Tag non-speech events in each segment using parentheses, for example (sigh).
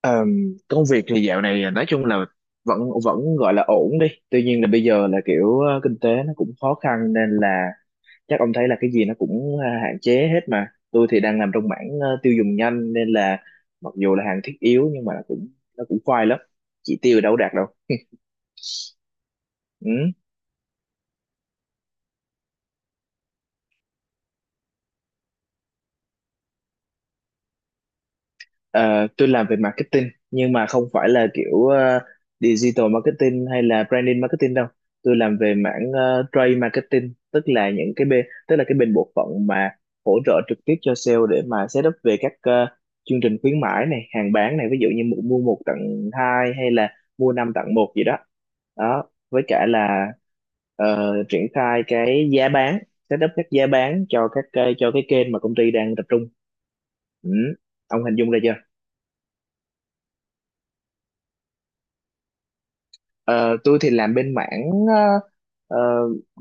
Công việc thì dạo này, nói chung là vẫn vẫn gọi là ổn đi. Tuy nhiên là bây giờ là kiểu kinh tế nó cũng khó khăn nên là chắc ông thấy là cái gì nó cũng hạn chế hết mà. Tôi thì đang làm trong mảng tiêu dùng nhanh nên là mặc dù là hàng thiết yếu nhưng mà nó cũng khoai lắm. Chỉ tiêu đâu có đạt đâu. Ừ. Ờ, tôi làm về marketing nhưng mà không phải là kiểu digital marketing hay là branding marketing đâu. Tôi làm về mảng trade marketing, tức là cái bên bộ phận mà hỗ trợ trực tiếp cho sale để mà set up về các chương trình khuyến mãi này, hàng bán này, ví dụ như mua mua một tặng hai hay là mua năm tặng một gì đó. Đó, với cả là triển khai cái giá bán, set up các giá bán cho cho cái kênh mà công ty đang tập trung. Ừ. Ông hình dung ra chưa? Ờ, tôi thì làm bên mảng ờ, ờ,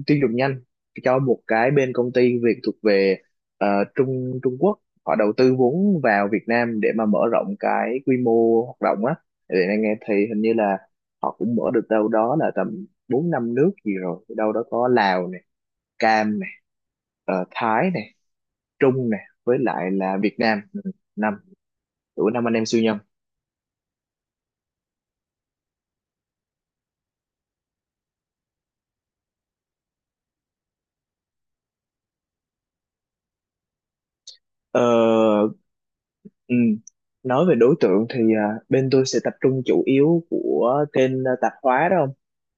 tiêu dùng nhanh cho một cái bên công ty Việt thuộc về ờ, Trung Trung Quốc họ đầu tư vốn vào Việt Nam để mà mở rộng cái quy mô hoạt động á. Để anh nghe thì hình như là họ cũng mở được đâu đó là tầm bốn năm nước gì rồi, đâu đó có Lào này, Cam này, Thái này, Trung này với lại là Việt Nam. Ừ, năm năm anh em siêu nhân. Ờ, ừ. Nói về đối tượng thì bên tôi sẽ tập trung chủ yếu của kênh, tạp hóa đó không?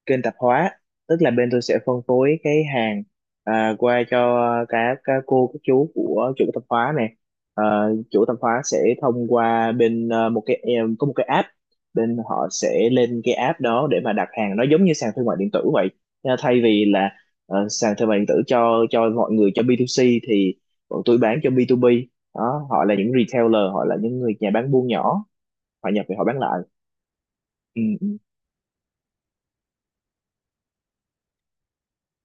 Kênh tạp hóa, tức là bên tôi sẽ phân phối cái hàng, qua cho các cô, các chú của chủ tạp hóa này. Ờ, Chủ tạp hóa sẽ thông qua bên, một cái em có một cái app, bên họ sẽ lên cái app đó để mà đặt hàng. Nó giống như sàn thương mại điện tử vậy. Nha. Thay vì là sàn thương mại điện tử cho mọi người, cho B2C thì bọn tôi bán cho B2B. Đó, họ là những retailer, họ là những người nhà bán buôn nhỏ, họ nhập về họ bán lại. Ừ. Ừ.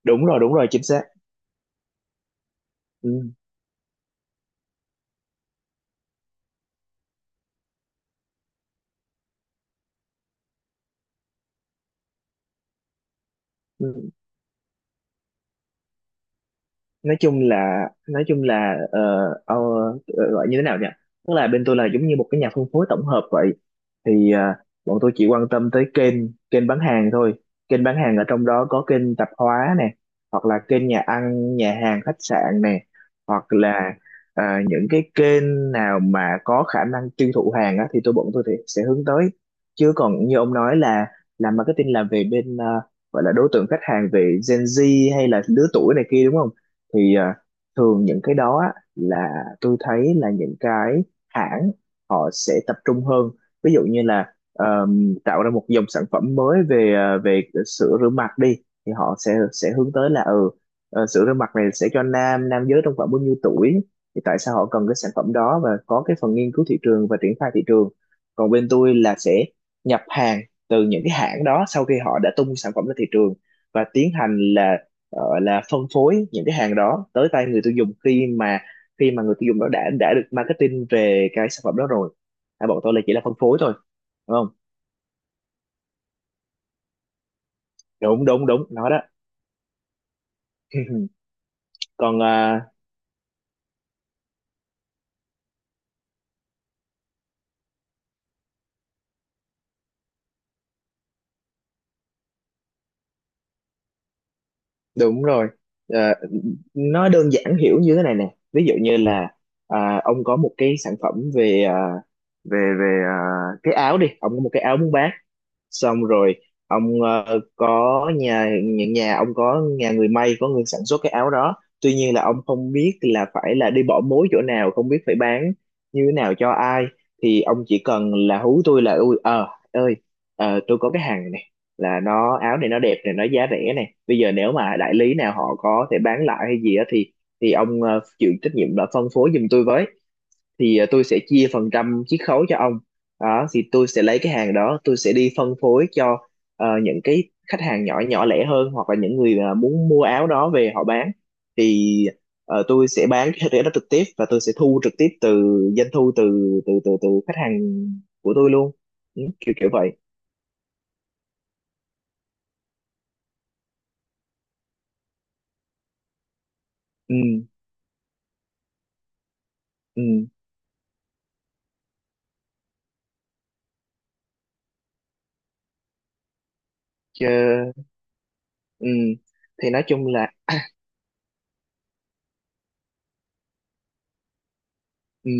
Đúng rồi, đúng rồi, chính xác. Ừ. Ừ. Nói chung là ờ, gọi như thế nào nhỉ, tức là bên tôi là giống như một cái nhà phân phối tổng hợp vậy thì, bọn tôi chỉ quan tâm tới kênh kênh bán hàng thôi. Kênh bán hàng ở trong đó có kênh tạp hóa nè, hoặc là kênh nhà ăn, nhà hàng, khách sạn nè, hoặc là những cái kênh nào mà có khả năng tiêu thụ hàng á, thì bọn tôi thì sẽ hướng tới. Chứ còn như ông nói là làm marketing là về bên, gọi là đối tượng khách hàng về Gen Z hay là lứa tuổi này kia đúng không thì, thường những cái đó á, là tôi thấy là những cái hãng họ sẽ tập trung hơn. Ví dụ như là tạo ra một dòng sản phẩm mới về về sữa rửa mặt đi, thì họ sẽ hướng tới là, ừ, sữa rửa mặt này sẽ cho nam nam giới trong khoảng bao nhiêu tuổi, thì tại sao họ cần cái sản phẩm đó, và có cái phần nghiên cứu thị trường và triển khai thị trường. Còn bên tôi là sẽ nhập hàng từ những cái hãng đó sau khi họ đã tung sản phẩm ra thị trường, và tiến hành là là phân phối những cái hàng đó tới tay người tiêu dùng, khi mà người tiêu dùng đó đã được marketing về cái sản phẩm đó rồi. Bọn tôi là chỉ là phân phối thôi đúng không? Đúng, đúng, đúng, nó đó. (laughs) Còn, đúng rồi. À, nó đơn giản hiểu như thế này nè. Ví dụ như là, ông có một cái sản phẩm về à, về về à, cái áo đi. Ông có một cái áo muốn bán, xong rồi ông có nhà những nhà ông có người may, có người sản xuất cái áo đó. Tuy nhiên là ông không biết là phải là đi bỏ mối chỗ nào, không biết phải bán như thế nào cho ai, thì ông chỉ cần là hú tôi là, ui, ơi tôi có cái hàng này này, là nó áo này, nó đẹp này, nó giá rẻ này, bây giờ nếu mà đại lý nào họ có thể bán lại hay gì đó thì ông chịu trách nhiệm là phân phối giùm tôi với, thì tôi sẽ chia phần trăm chiết khấu cho ông. Đó thì tôi sẽ lấy cái hàng đó, tôi sẽ đi phân phối cho những cái khách hàng nhỏ nhỏ lẻ hơn, hoặc là những người, muốn mua áo đó về họ bán, thì tôi sẽ bán cái rẻ đó trực tiếp, và tôi sẽ thu trực tiếp từ doanh thu từ từ từ từ khách hàng của tôi luôn. Ừ, kiểu kiểu vậy. Ừ. Ừ. Chứ. Ừ, thì nói chung là Ừ,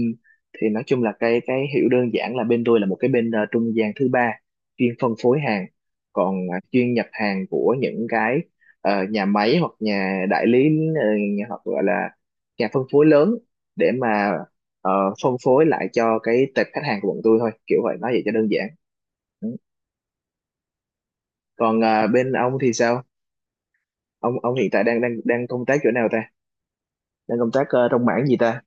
thì nói chung là cái hiểu đơn giản là bên tôi là một cái bên trung gian thứ ba chuyên phân phối hàng. Còn chuyên nhập hàng của những cái nhà máy hoặc nhà đại lý, ờ, hoặc gọi là nhà phân phối lớn, để mà ờ, phân phối lại cho cái tệp khách hàng của bọn tôi thôi, kiểu vậy, nói vậy cho đơn giản. Ừ. Còn bên ông thì sao, ông hiện tại đang đang đang công tác chỗ nào ta, đang công tác trong mảng gì ta?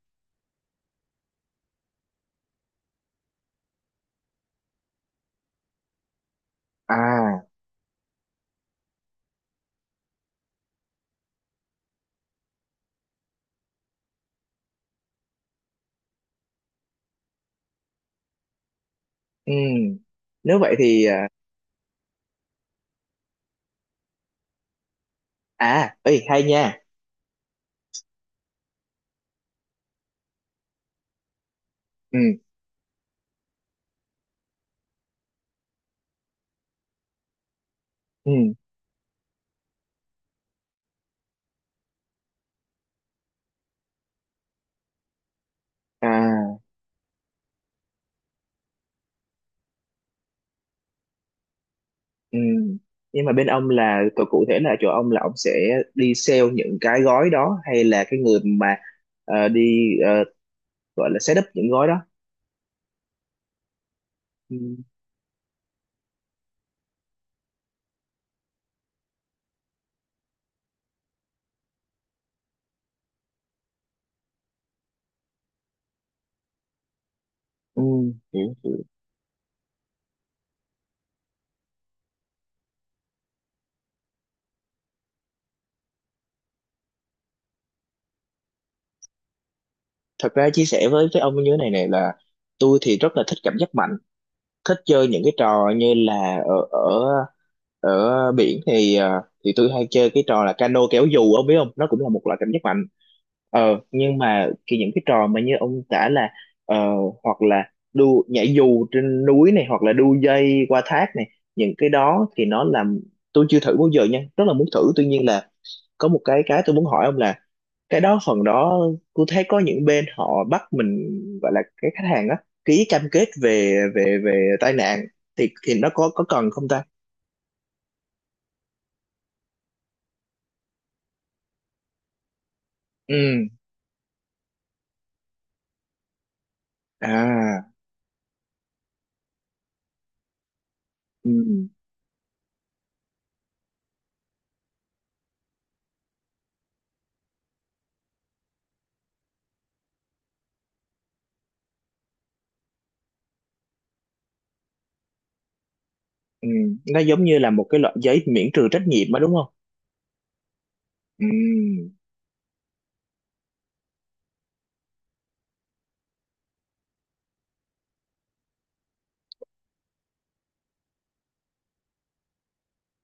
À. Ừ. Nếu vậy thì à, ấy hay nha. Ừ. Ừ. À. Ừ. Nhưng mà bên ông là cụ cụ thể là chỗ ông là ông sẽ đi sale những cái gói đó, hay là cái người mà đi gọi là set up những gói đó? Ừ. Ừ. Hiểu, hiểu. Thật ra chia sẻ với ông như thế này này, là tôi thì rất là thích cảm giác mạnh, thích chơi những cái trò như là ở ở ở biển thì thì tôi hay chơi cái trò là cano kéo dù, ông biết không, nó cũng là một loại cảm giác mạnh. Nhưng mà những cái trò mà như ông tả là, ờ, hoặc là đu nhảy dù trên núi này, hoặc là đu dây qua thác này, những cái đó thì nó làm tôi chưa thử bao giờ nha, rất là muốn thử. Tuy nhiên là có một cái tôi muốn hỏi ông là cái đó phần đó, tôi thấy có những bên họ bắt mình, gọi là cái khách hàng á, ký cam kết về về về tai nạn, thì nó có cần không ta? Ừ. À. Ừ. Ừ, nó giống như là một cái loại giấy miễn trừ trách nhiệm á đúng không? Ừ.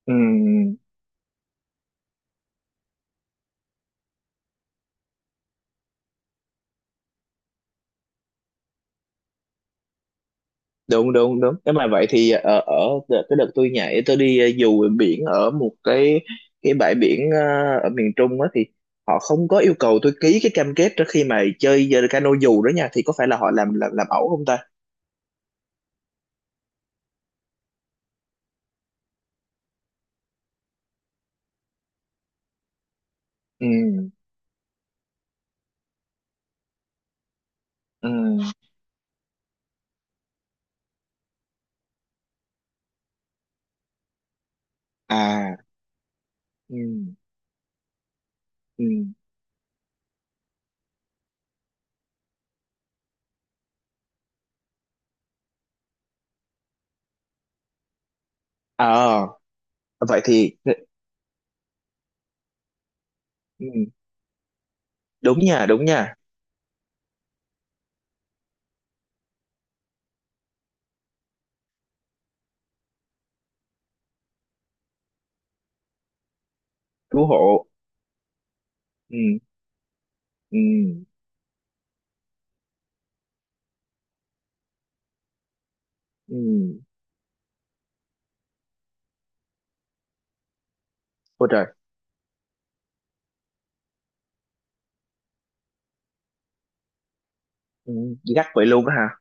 Ừ. Đúng, đúng, đúng. Nếu mà vậy thì ở, ở cái đợt tôi nhảy, tôi đi dù biển ở một cái bãi biển, ở miền Trung á, thì họ không có yêu cầu tôi ký cái cam kết trước khi mà chơi cano dù đó nha. Thì có phải là họ làm ẩu không ta? Ừ. Ừ. À. Ừ. Ừ. ờ Vậy thì, ừ, ừ. Đúng nha, đúng nha. Cứu hộ. Ừ. Ừ. Ừ. Ôi trời. Ừ, gắt vậy luôn á hả?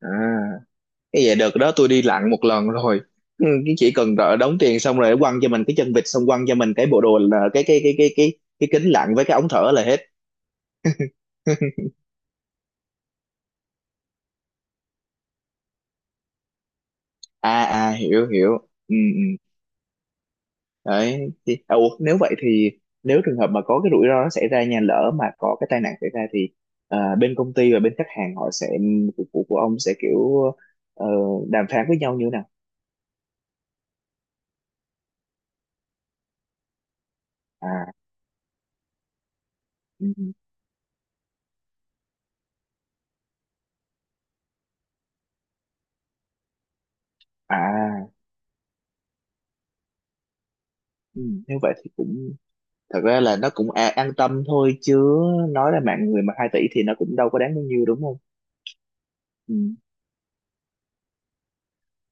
À. Cái vậy, đợt đó tôi đi lặn một lần rồi. Ừ, cái chỉ cần đợi đóng tiền xong rồi quăng cho mình cái chân vịt, xong quăng cho mình cái bộ đồ là cái kính lặn với cái ống thở là hết. (laughs) À. À. Hiểu, hiểu. Ừ. Ừ. Đấy thì, ủa, nếu vậy thì, nếu trường hợp mà có cái rủi ro nó xảy ra, nhà lỡ mà có cái tai nạn xảy ra thì, bên công ty và bên khách hàng họ sẽ, của ông sẽ kiểu ờ, đàm phán với nhau như thế nào? À. Ừ. Ừ. À. Ừ. Nếu vậy thì cũng, thật ra là nó cũng an tâm thôi chứ, nói là mạng người mà 2 tỷ thì nó cũng đâu có đáng bao nhiêu đúng không? Ừ.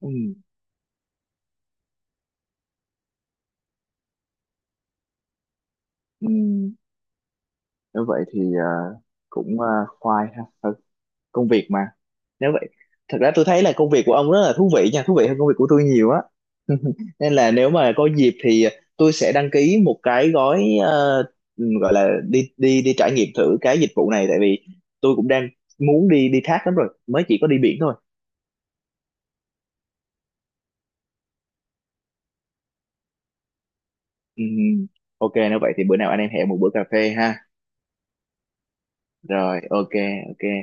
Ừ. Ừ. Nếu vậy thì cũng khoai ha. Thôi, công việc mà. Nếu vậy, thật ra tôi thấy là công việc của ông rất là thú vị nha, thú vị hơn công việc của tôi nhiều á. (laughs) Nên là nếu mà có dịp thì tôi sẽ đăng ký một cái gói gọi là đi đi đi trải nghiệm thử cái dịch vụ này. Tại vì tôi cũng đang muốn đi đi thác lắm rồi, mới chỉ có đi biển thôi. Ừm, ok. Nếu vậy thì bữa nào anh em hẹn một bữa cà phê ha. Rồi, ok, ok.